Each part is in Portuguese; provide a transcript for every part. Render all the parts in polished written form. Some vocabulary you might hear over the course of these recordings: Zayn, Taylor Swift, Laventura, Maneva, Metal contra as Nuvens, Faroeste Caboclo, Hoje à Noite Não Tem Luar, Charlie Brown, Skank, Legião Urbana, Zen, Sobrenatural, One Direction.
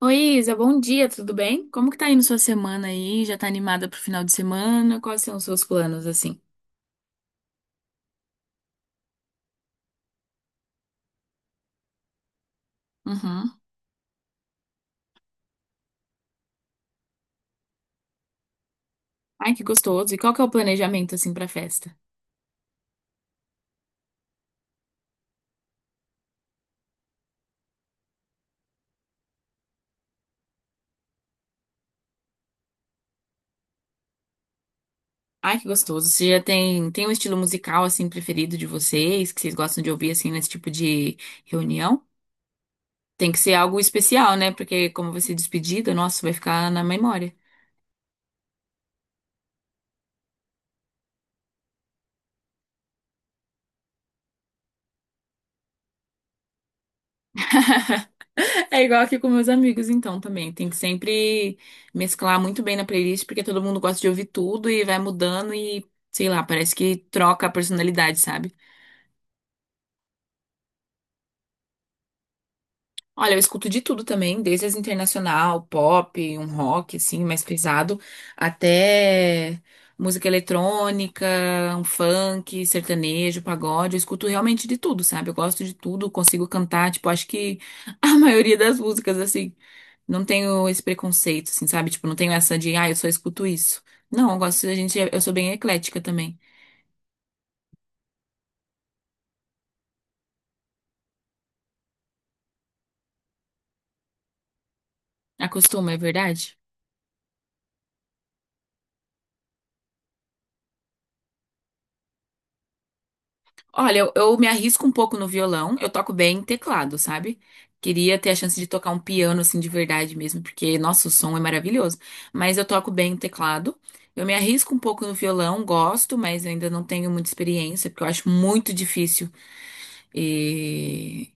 Oi, Isa, bom dia, tudo bem? Como que tá indo sua semana aí? Já tá animada pro final de semana? Quais são os seus planos, assim? Uhum. Ai, que gostoso. E qual que é o planejamento, assim, pra festa? Ai, que gostoso. Você já tem um estilo musical, assim, preferido de vocês, que vocês gostam de ouvir, assim, nesse tipo de reunião? Tem que ser algo especial, né? Porque como vai ser despedida, nossa, vai ficar na memória. É igual aqui com meus amigos, então, também. Tem que sempre mesclar muito bem na playlist, porque todo mundo gosta de ouvir tudo e vai mudando e, sei lá, parece que troca a personalidade, sabe? Olha, eu escuto de tudo também, desde as internacional, pop, um rock assim, mais pesado, até música eletrônica, um funk, sertanejo, pagode. Eu escuto realmente de tudo, sabe? Eu gosto de tudo, consigo cantar, tipo, acho que a maioria das músicas assim, não tenho esse preconceito, assim, sabe? Tipo, não tenho essa de, ah, eu só escuto isso. Não, eu gosto. A gente, eu sou bem eclética também. Acostuma, é verdade? Olha, eu me arrisco um pouco no violão, eu toco bem teclado, sabe? Queria ter a chance de tocar um piano assim de verdade mesmo, porque nossa, o som é maravilhoso. Mas eu toco bem o teclado. Eu me arrisco um pouco no violão, gosto, mas eu ainda não tenho muita experiência, porque eu acho muito difícil. E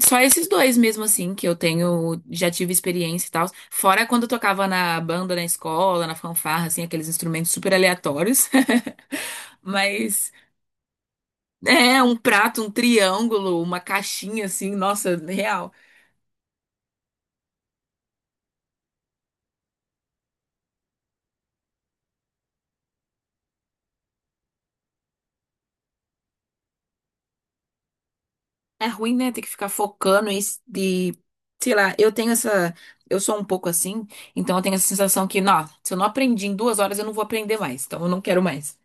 só esses dois mesmo assim que eu tenho, já tive experiência e tal. Fora quando eu tocava na banda, na escola, na fanfarra, assim, aqueles instrumentos super aleatórios. Mas é, um prato, um triângulo, uma caixinha assim, nossa, real. É ruim, né, ter que ficar focando isso de, sei lá, eu tenho essa, eu sou um pouco assim, então eu tenho essa sensação que, não, se eu não aprendi em 2 horas, eu não vou aprender mais, então eu não quero mais.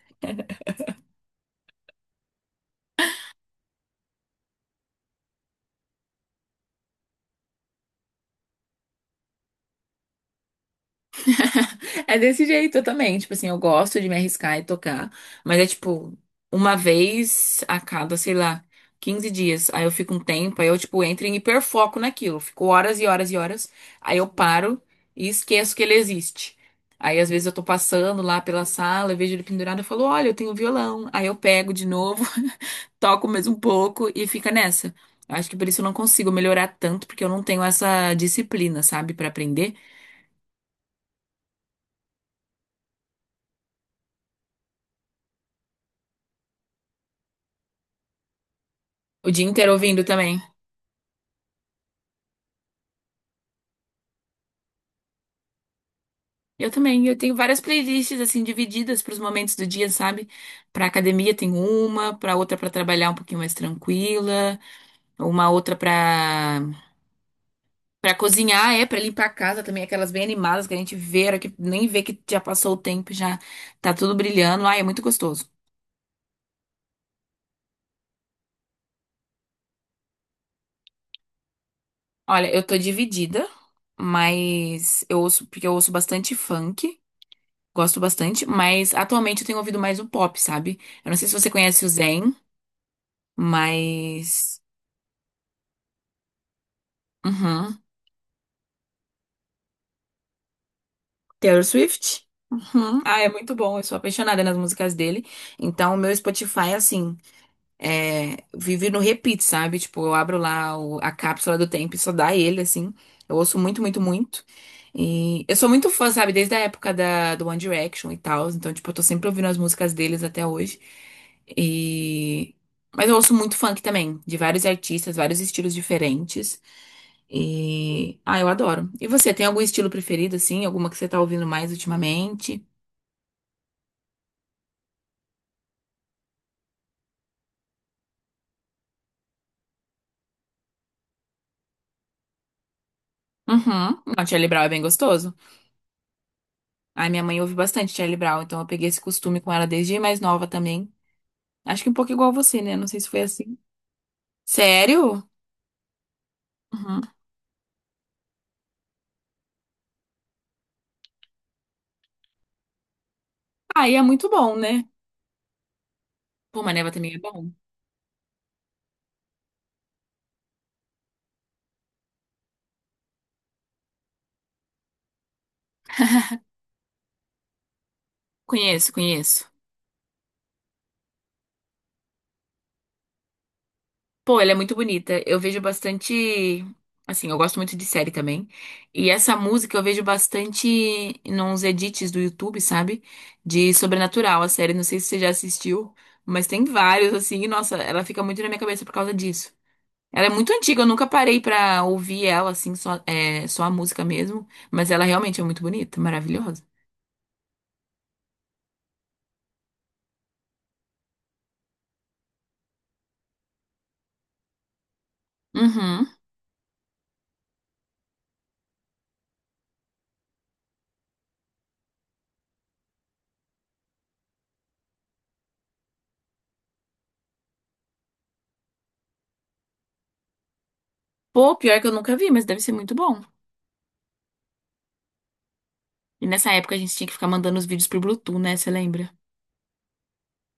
É desse jeito, eu também. Tipo assim, eu gosto de me arriscar e tocar, mas é tipo, uma vez a cada, sei lá, 15 dias. Aí eu fico um tempo, aí eu, tipo, entro em hiperfoco naquilo. Fico horas e horas e horas. Aí eu paro e esqueço que ele existe. Aí às vezes eu tô passando lá pela sala, eu vejo ele pendurado, e falo, olha, eu tenho violão. Aí eu pego de novo, toco mais um pouco e fica nessa. Acho que por isso eu não consigo melhorar tanto, porque eu não tenho essa disciplina, sabe, pra aprender. O dia inteiro ouvindo também. Eu também, eu tenho várias playlists assim divididas para os momentos do dia, sabe? Para academia tem uma, para outra para trabalhar um pouquinho mais tranquila, uma outra para cozinhar, é para limpar a casa também, aquelas bem animadas que a gente vê, a hora que nem vê que já passou o tempo, e já tá tudo brilhando. Ai, é muito gostoso. Olha, eu tô dividida, mas eu ouço porque eu ouço bastante funk, gosto bastante, mas atualmente eu tenho ouvido mais o pop, sabe? Eu não sei se você conhece o Zayn, mas Uhum. Taylor Swift? Uhum. Ah, é muito bom. Eu sou apaixonada nas músicas dele. Então, o meu Spotify, assim, é, vive no repeat, sabe? Tipo, eu abro lá a cápsula do tempo e só dá ele, assim. Eu ouço muito, muito, muito. E eu sou muito fã, sabe? Desde a época do One Direction e tal. Então, tipo, eu tô sempre ouvindo as músicas deles até hoje. E... Mas eu ouço muito funk também, de vários artistas, vários estilos diferentes. E. Ah, eu adoro. E você, tem algum estilo preferido, assim? Alguma que você tá ouvindo mais ultimamente? Uhum. Não, Charlie Brown é bem gostoso. Ai, minha mãe ouve bastante Charlie Brown, então eu peguei esse costume com ela desde mais nova também. Acho que um pouco igual você, né? Não sei se foi assim. Sério? Uhum. Aí é muito bom, né? Pô, Maneva também é bom. Conheço, conheço. Pô, ela é muito bonita. Eu vejo bastante. Assim, eu gosto muito de série também. E essa música eu vejo bastante nos edits do YouTube, sabe? De Sobrenatural, a série. Não sei se você já assistiu, mas tem vários, assim. E, nossa, ela fica muito na minha cabeça por causa disso. Ela é muito antiga, eu nunca parei pra ouvir ela, assim, só, é, só a música mesmo. Mas ela realmente é muito bonita, maravilhosa. Uhum. Pô, pior que eu nunca vi, mas deve ser muito bom. E nessa época a gente tinha que ficar mandando os vídeos pro Bluetooth, né? Você lembra?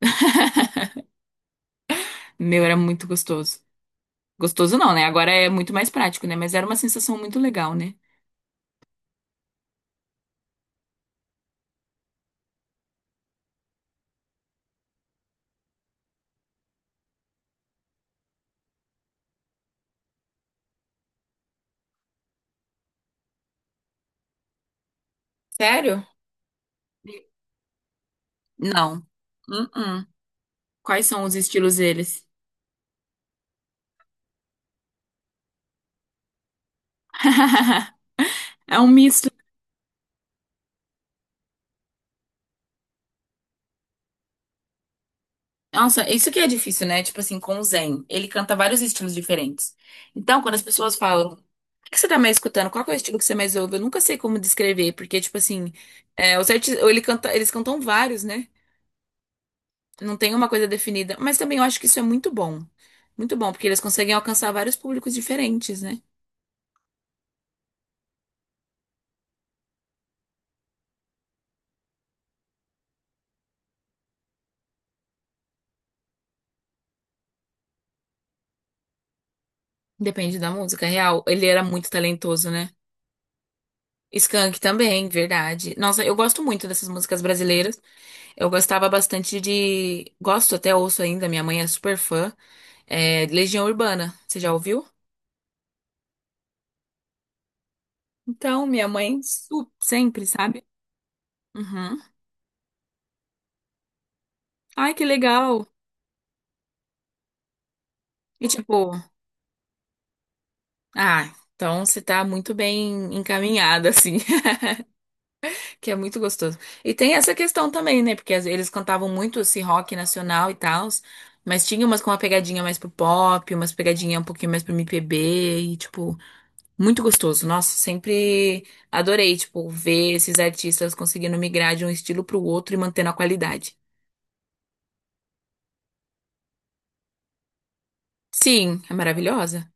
Meu, era muito gostoso. Gostoso não, né? Agora é muito mais prático, né? Mas era uma sensação muito legal, né? Sério? Não. Uh-uh. Quais são os estilos deles? É um misto. Nossa, isso que é difícil, né? Tipo assim, com o Zen. Ele canta vários estilos diferentes. Então, quando as pessoas falam, o que que você tá mais escutando? Qual que é o estilo que você mais ouve? Eu nunca sei como descrever, porque, tipo assim, é, ou eles cantam vários, né? Não tem uma coisa definida. Mas também eu acho que isso é muito bom. Muito bom, porque eles conseguem alcançar vários públicos diferentes, né? Depende da música. É real, ele era muito talentoso, né? Skank também, verdade. Nossa, eu gosto muito dessas músicas brasileiras. Eu gostava bastante de. Gosto, até ouço ainda, minha mãe é super fã. É Legião Urbana. Você já ouviu? Então, sempre, sabe? Uhum. Ai, que legal. E tipo, ah, então você tá muito bem encaminhada, assim. Que é muito gostoso. E tem essa questão também, né? Porque eles cantavam muito esse rock nacional e tal, mas tinha umas com uma pegadinha mais pro pop, umas pegadinha um pouquinho mais pro MPB, e, tipo, muito gostoso. Nossa, sempre adorei, tipo, ver esses artistas conseguindo migrar de um estilo pro outro e mantendo a qualidade. Sim, é maravilhosa.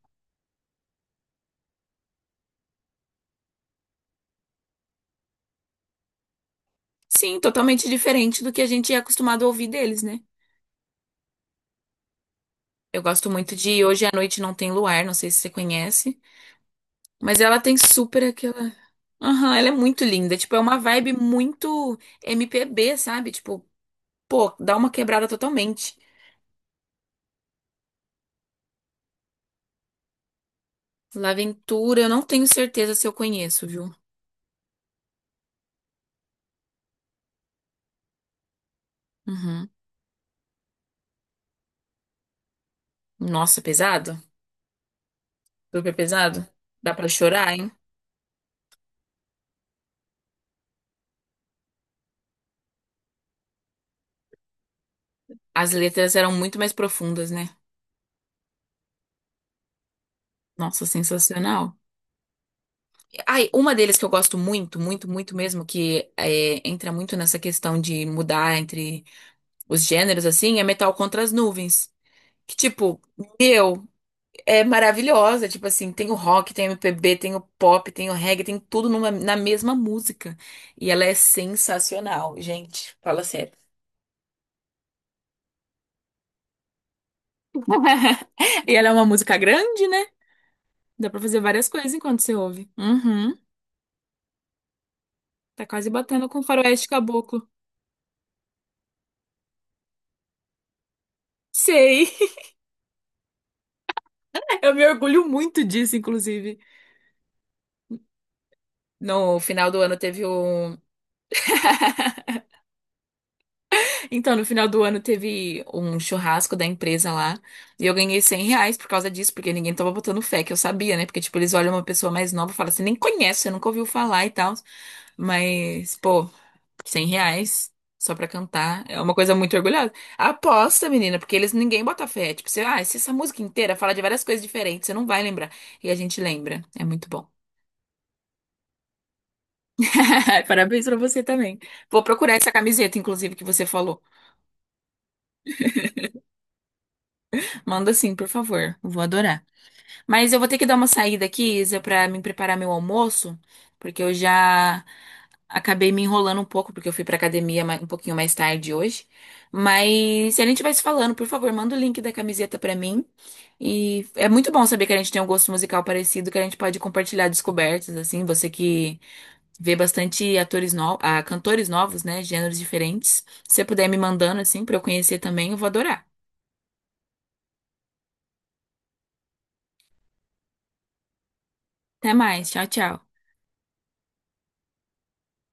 Sim, totalmente diferente do que a gente é acostumado a ouvir deles, né? Eu gosto muito de Hoje à Noite Não Tem Luar, não sei se você conhece. Mas ela tem super aquela. Aham, ela é muito linda. Tipo, é uma vibe muito MPB, sabe? Tipo, pô, dá uma quebrada totalmente. Laventura, eu não tenho certeza se eu conheço, viu? Uhum. Nossa, pesado? Super pesado? Dá pra chorar, hein? As letras eram muito mais profundas, né? Nossa, sensacional. Ai, uma deles que eu gosto muito, muito, muito mesmo, que é, entra muito nessa questão de mudar entre os gêneros, assim, é Metal contra as Nuvens. Que, tipo, meu, é maravilhosa. Tipo assim, tem o rock, tem o MPB, tem o pop, tem o reggae, tem tudo na mesma música. E ela é sensacional, gente. Fala sério. E ela é uma música grande, né? Dá pra fazer várias coisas enquanto você ouve. Uhum. Tá quase batendo com Faroeste Caboclo. Sei. Eu me orgulho muito disso, inclusive. No final do ano teve um. Então, no final do ano teve um churrasco da empresa lá e eu ganhei R$ 100 por causa disso, porque ninguém tava botando fé, que eu sabia, né? Porque, tipo, eles olham uma pessoa mais nova e falam assim, nem conhece, você nunca ouviu falar e tal. Mas, pô, R$ 100 só pra cantar é uma coisa muito orgulhosa. Aposta, menina, porque eles ninguém bota fé. Tipo, você, ah, se essa música inteira fala de várias coisas diferentes, você não vai lembrar. E a gente lembra. É muito bom. Parabéns pra você também. Vou procurar essa camiseta, inclusive, que você falou. Manda sim, por favor. Eu vou adorar. Mas eu vou ter que dar uma saída aqui, Isa, pra me preparar meu almoço, porque eu já acabei me enrolando um pouco, porque eu fui pra academia um pouquinho mais tarde hoje. Mas se a gente vai se falando, por favor, manda o link da camiseta pra mim. E é muito bom saber que a gente tem um gosto musical parecido, que a gente pode compartilhar descobertas, assim, você que vê bastante atores novos, ah, cantores novos, né, gêneros diferentes. Se você puder me mandando, assim, pra eu conhecer também, eu vou adorar. Até mais, tchau, tchau.